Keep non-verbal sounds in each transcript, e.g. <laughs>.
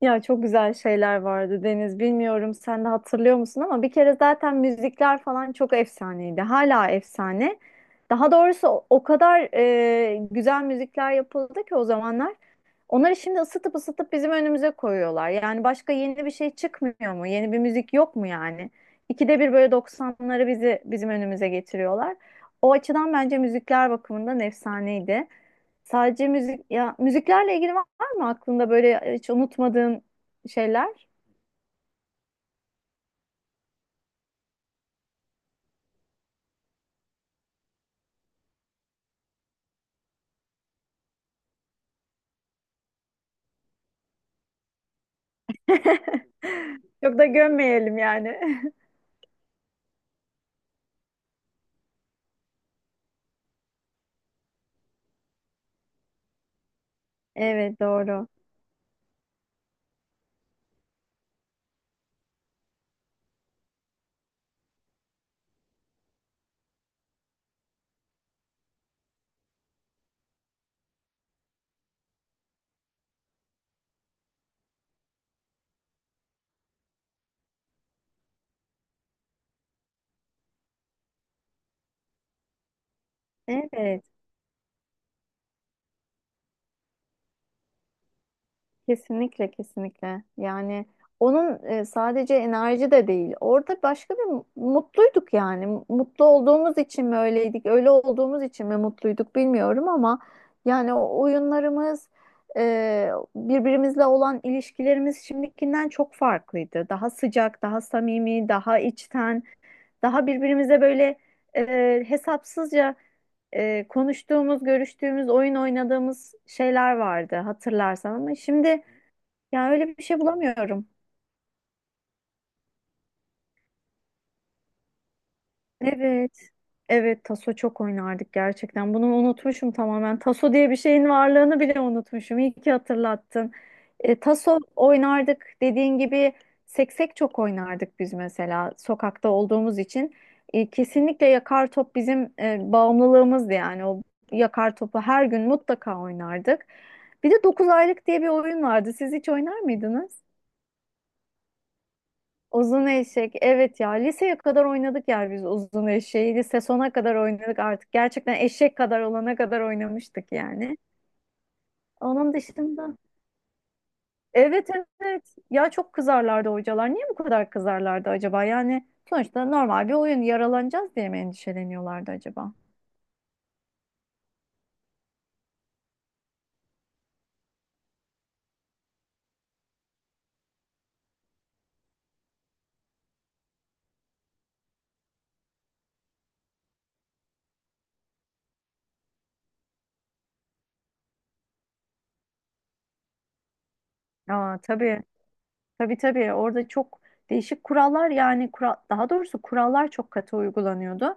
Ya çok güzel şeyler vardı Deniz. Bilmiyorum sen de hatırlıyor musun ama bir kere zaten müzikler falan çok efsaneydi. Hala efsane. Daha doğrusu o kadar güzel müzikler yapıldı ki o zamanlar. Onları şimdi ısıtıp ısıtıp bizim önümüze koyuyorlar. Yani başka yeni bir şey çıkmıyor mu? Yeni bir müzik yok mu yani? İkide bir böyle 90'ları bizim önümüze getiriyorlar. O açıdan bence müzikler bakımından efsaneydi. Sadece müzik ya müziklerle ilgili var mı aklında böyle hiç unutmadığın şeyler? <laughs> Çok da gömmeyelim yani. <laughs> Evet, doğru. Evet. Kesinlikle, kesinlikle. Yani onun, sadece enerji de değil. Orada başka bir mutluyduk yani. Mutlu olduğumuz için mi öyleydik, öyle olduğumuz için mi mutluyduk bilmiyorum ama yani o oyunlarımız, e, birbirimizle olan ilişkilerimiz şimdikinden çok farklıydı. Daha sıcak, daha samimi, daha içten, daha birbirimize böyle hesapsızca konuştuğumuz, görüştüğümüz, oyun oynadığımız şeyler vardı hatırlarsan ama şimdi ya öyle bir şey bulamıyorum. Evet. Evet, taso çok oynardık gerçekten. Bunu unutmuşum tamamen. Taso diye bir şeyin varlığını bile unutmuşum. İyi ki hatırlattın. Taso oynardık dediğin gibi seksek çok oynardık biz mesela sokakta olduğumuz için. Kesinlikle yakar top bizim bağımlılığımızdı yani. O yakar topu her gün mutlaka oynardık. Bir de 9 aylık diye bir oyun vardı. Siz hiç oynar mıydınız? Uzun eşek. Evet ya liseye kadar oynadık ya biz uzun eşeği. Lise sona kadar oynadık artık. Gerçekten eşek kadar olana kadar oynamıştık yani. Onun dışında. Evet, evet. Ya çok kızarlardı hocalar. Niye bu kadar kızarlardı acaba? Yani sonuçta normal bir oyun, yaralanacağız diye mi endişeleniyorlardı acaba? Aa tabii. Tabii, tabii, orada çok değişik kurallar yani daha doğrusu kurallar çok katı uygulanıyordu.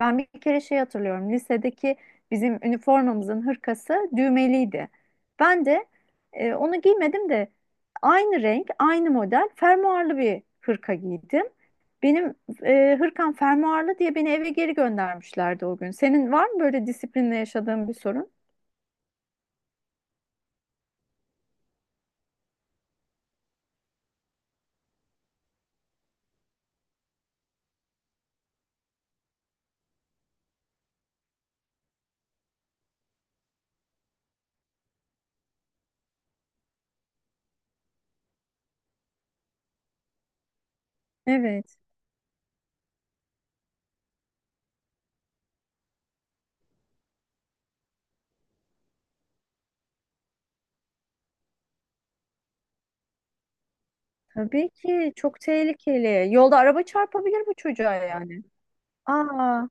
Ben bir kere şey hatırlıyorum, lisedeki bizim üniformamızın hırkası düğmeliydi. Ben de onu giymedim de aynı renk aynı model fermuarlı bir hırka giydim. Benim hırkam fermuarlı diye beni eve geri göndermişlerdi o gün. Senin var mı böyle disiplinle yaşadığın bir sorun? Evet, tabii ki çok tehlikeli. Yolda araba çarpabilir bu çocuğa yani. Aa.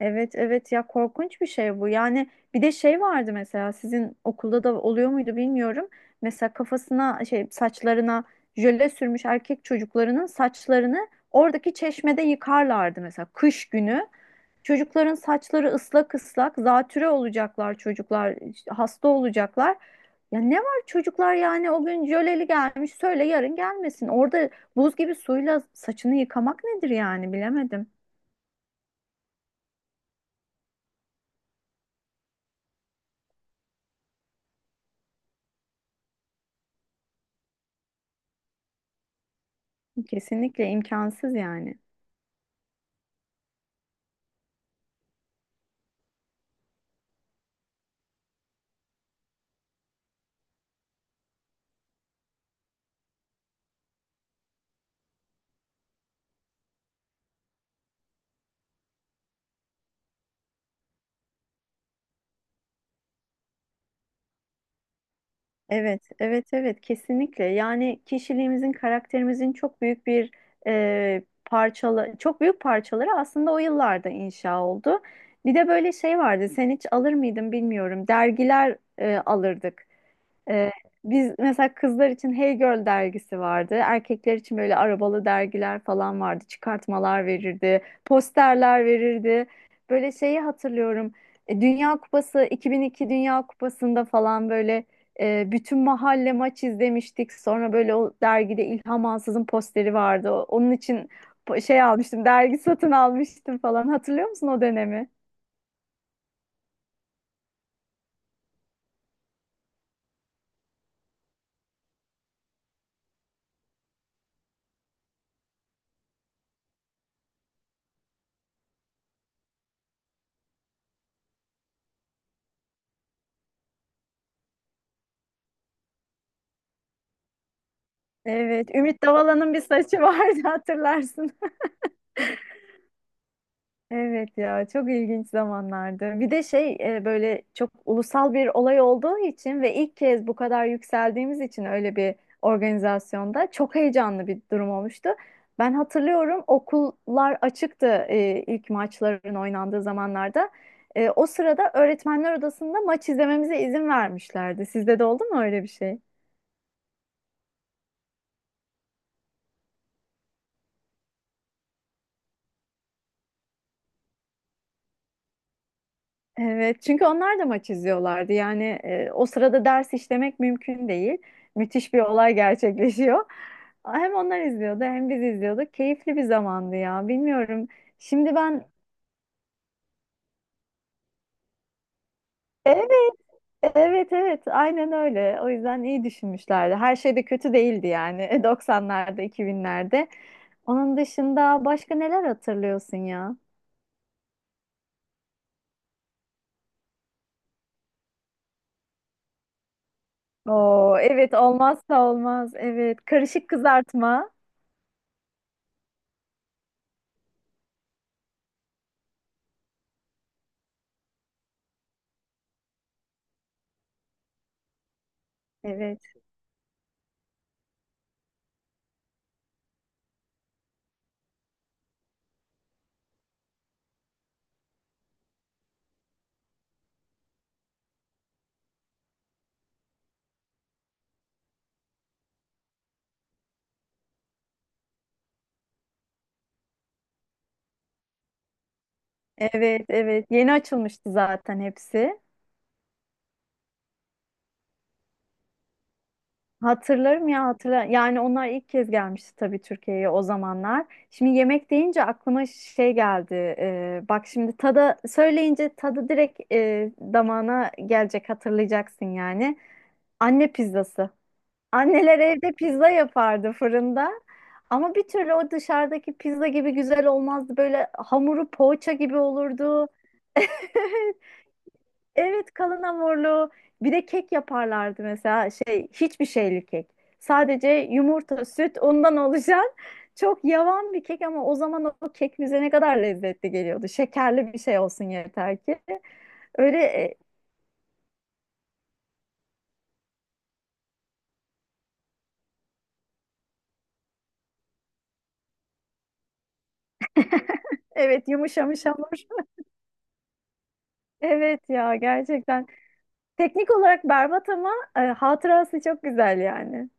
Evet, evet ya korkunç bir şey bu. Yani bir de şey vardı, mesela sizin okulda da oluyor muydu bilmiyorum. Mesela kafasına şey, saçlarına jöle sürmüş erkek çocuklarının saçlarını oradaki çeşmede yıkarlardı mesela kış günü. Çocukların saçları ıslak ıslak, zatüre olacaklar çocuklar, işte hasta olacaklar. Ya ne var çocuklar yani o gün jöleli gelmiş, söyle yarın gelmesin. Orada buz gibi suyla saçını yıkamak nedir yani, bilemedim. Kesinlikle imkansız yani. Evet, evet, evet, kesinlikle. Yani kişiliğimizin, karakterimizin çok büyük bir, parçalı, çok büyük parçaları aslında o yıllarda inşa oldu. Bir de böyle şey vardı. Sen hiç alır mıydın bilmiyorum. Dergiler alırdık. Ee, Biz mesela kızlar için Hey Girl dergisi vardı. Erkekler için böyle arabalı dergiler falan vardı. Çıkartmalar verirdi, posterler verirdi. Böyle şeyi hatırlıyorum. Dünya Kupası, 2002 Dünya Kupası'nda falan böyle bütün mahalle maç izlemiştik. Sonra böyle o dergide İlham Ansız'ın posteri vardı. Onun için şey almıştım, dergi satın almıştım falan. Hatırlıyor musun o dönemi? Evet, Ümit Davala'nın bir saçı vardı <laughs> hatırlarsın. Evet ya çok ilginç zamanlardı. Bir de şey, böyle çok ulusal bir olay olduğu için ve ilk kez bu kadar yükseldiğimiz için öyle bir organizasyonda çok heyecanlı bir durum olmuştu. Ben hatırlıyorum, okullar açıktı ilk maçların oynandığı zamanlarda. O sırada öğretmenler odasında maç izlememize izin vermişlerdi. Sizde de oldu mu öyle bir şey? Evet, çünkü onlar da maç izliyorlardı. Yani o sırada ders işlemek mümkün değil. Müthiş bir olay gerçekleşiyor. Hem onlar izliyordu hem biz izliyorduk. Keyifli bir zamandı ya. Bilmiyorum. Şimdi ben, evet, evet, evet. Aynen öyle. O yüzden iyi düşünmüşlerdi. Her şey de kötü değildi yani. <laughs> 90'larda, 2000'lerde. Onun dışında başka neler hatırlıyorsun ya? Oo, evet, olmazsa olmaz. Evet, karışık kızartma. Evet. Evet, evet. Yeni açılmıştı zaten hepsi. Hatırlarım ya, hatırla. Yani onlar ilk kez gelmişti tabii Türkiye'ye o zamanlar. Şimdi yemek deyince aklıma şey geldi. Bak, şimdi tada söyleyince tadı direkt damağına gelecek, hatırlayacaksın yani. Anne pizzası. Anneler evde pizza yapardı fırında. Ama bir türlü o dışarıdaki pizza gibi güzel olmazdı. Böyle hamuru poğaça gibi olurdu. <laughs> Evet, kalın hamurlu. Bir de kek yaparlardı, mesela şey, hiçbir şeyli kek. Sadece yumurta, süt, ondan oluşan <laughs> çok yavan bir kek ama o zaman o kek bize ne kadar lezzetli geliyordu. Şekerli bir şey olsun yeter ki. Öyle evet, yumuşamış hamur. <laughs> Evet ya, gerçekten. Teknik olarak berbat ama hatırası çok güzel yani.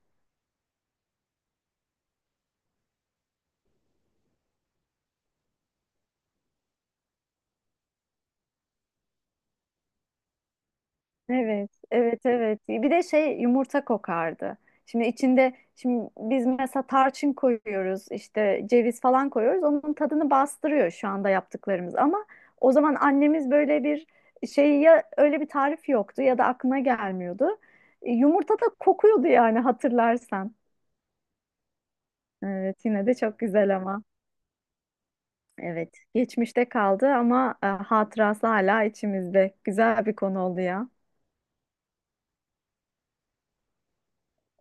Evet, evet, evet. Bir de şey, yumurta kokardı. Şimdi içinde, şimdi biz mesela tarçın koyuyoruz, işte ceviz falan koyuyoruz. Onun tadını bastırıyor şu anda yaptıklarımız. Ama o zaman annemiz böyle bir şey, ya öyle bir tarif yoktu ya da aklına gelmiyordu. Yumurta da kokuyordu yani, hatırlarsan. Evet, yine de çok güzel ama. Evet, geçmişte kaldı ama hatırası hala içimizde. Güzel bir konu oldu ya.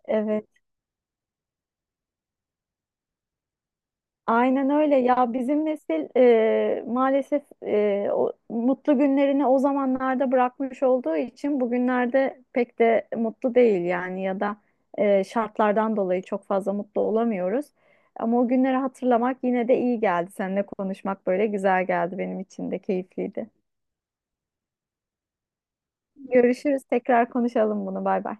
Evet. Aynen öyle ya, bizim nesil maalesef, o mutlu günlerini o zamanlarda bırakmış olduğu için bugünlerde pek de mutlu değil yani, ya da şartlardan dolayı çok fazla mutlu olamıyoruz. Ama o günleri hatırlamak yine de iyi geldi. Seninle konuşmak böyle güzel geldi, benim için de keyifliydi. Görüşürüz, tekrar konuşalım bunu, bay bay.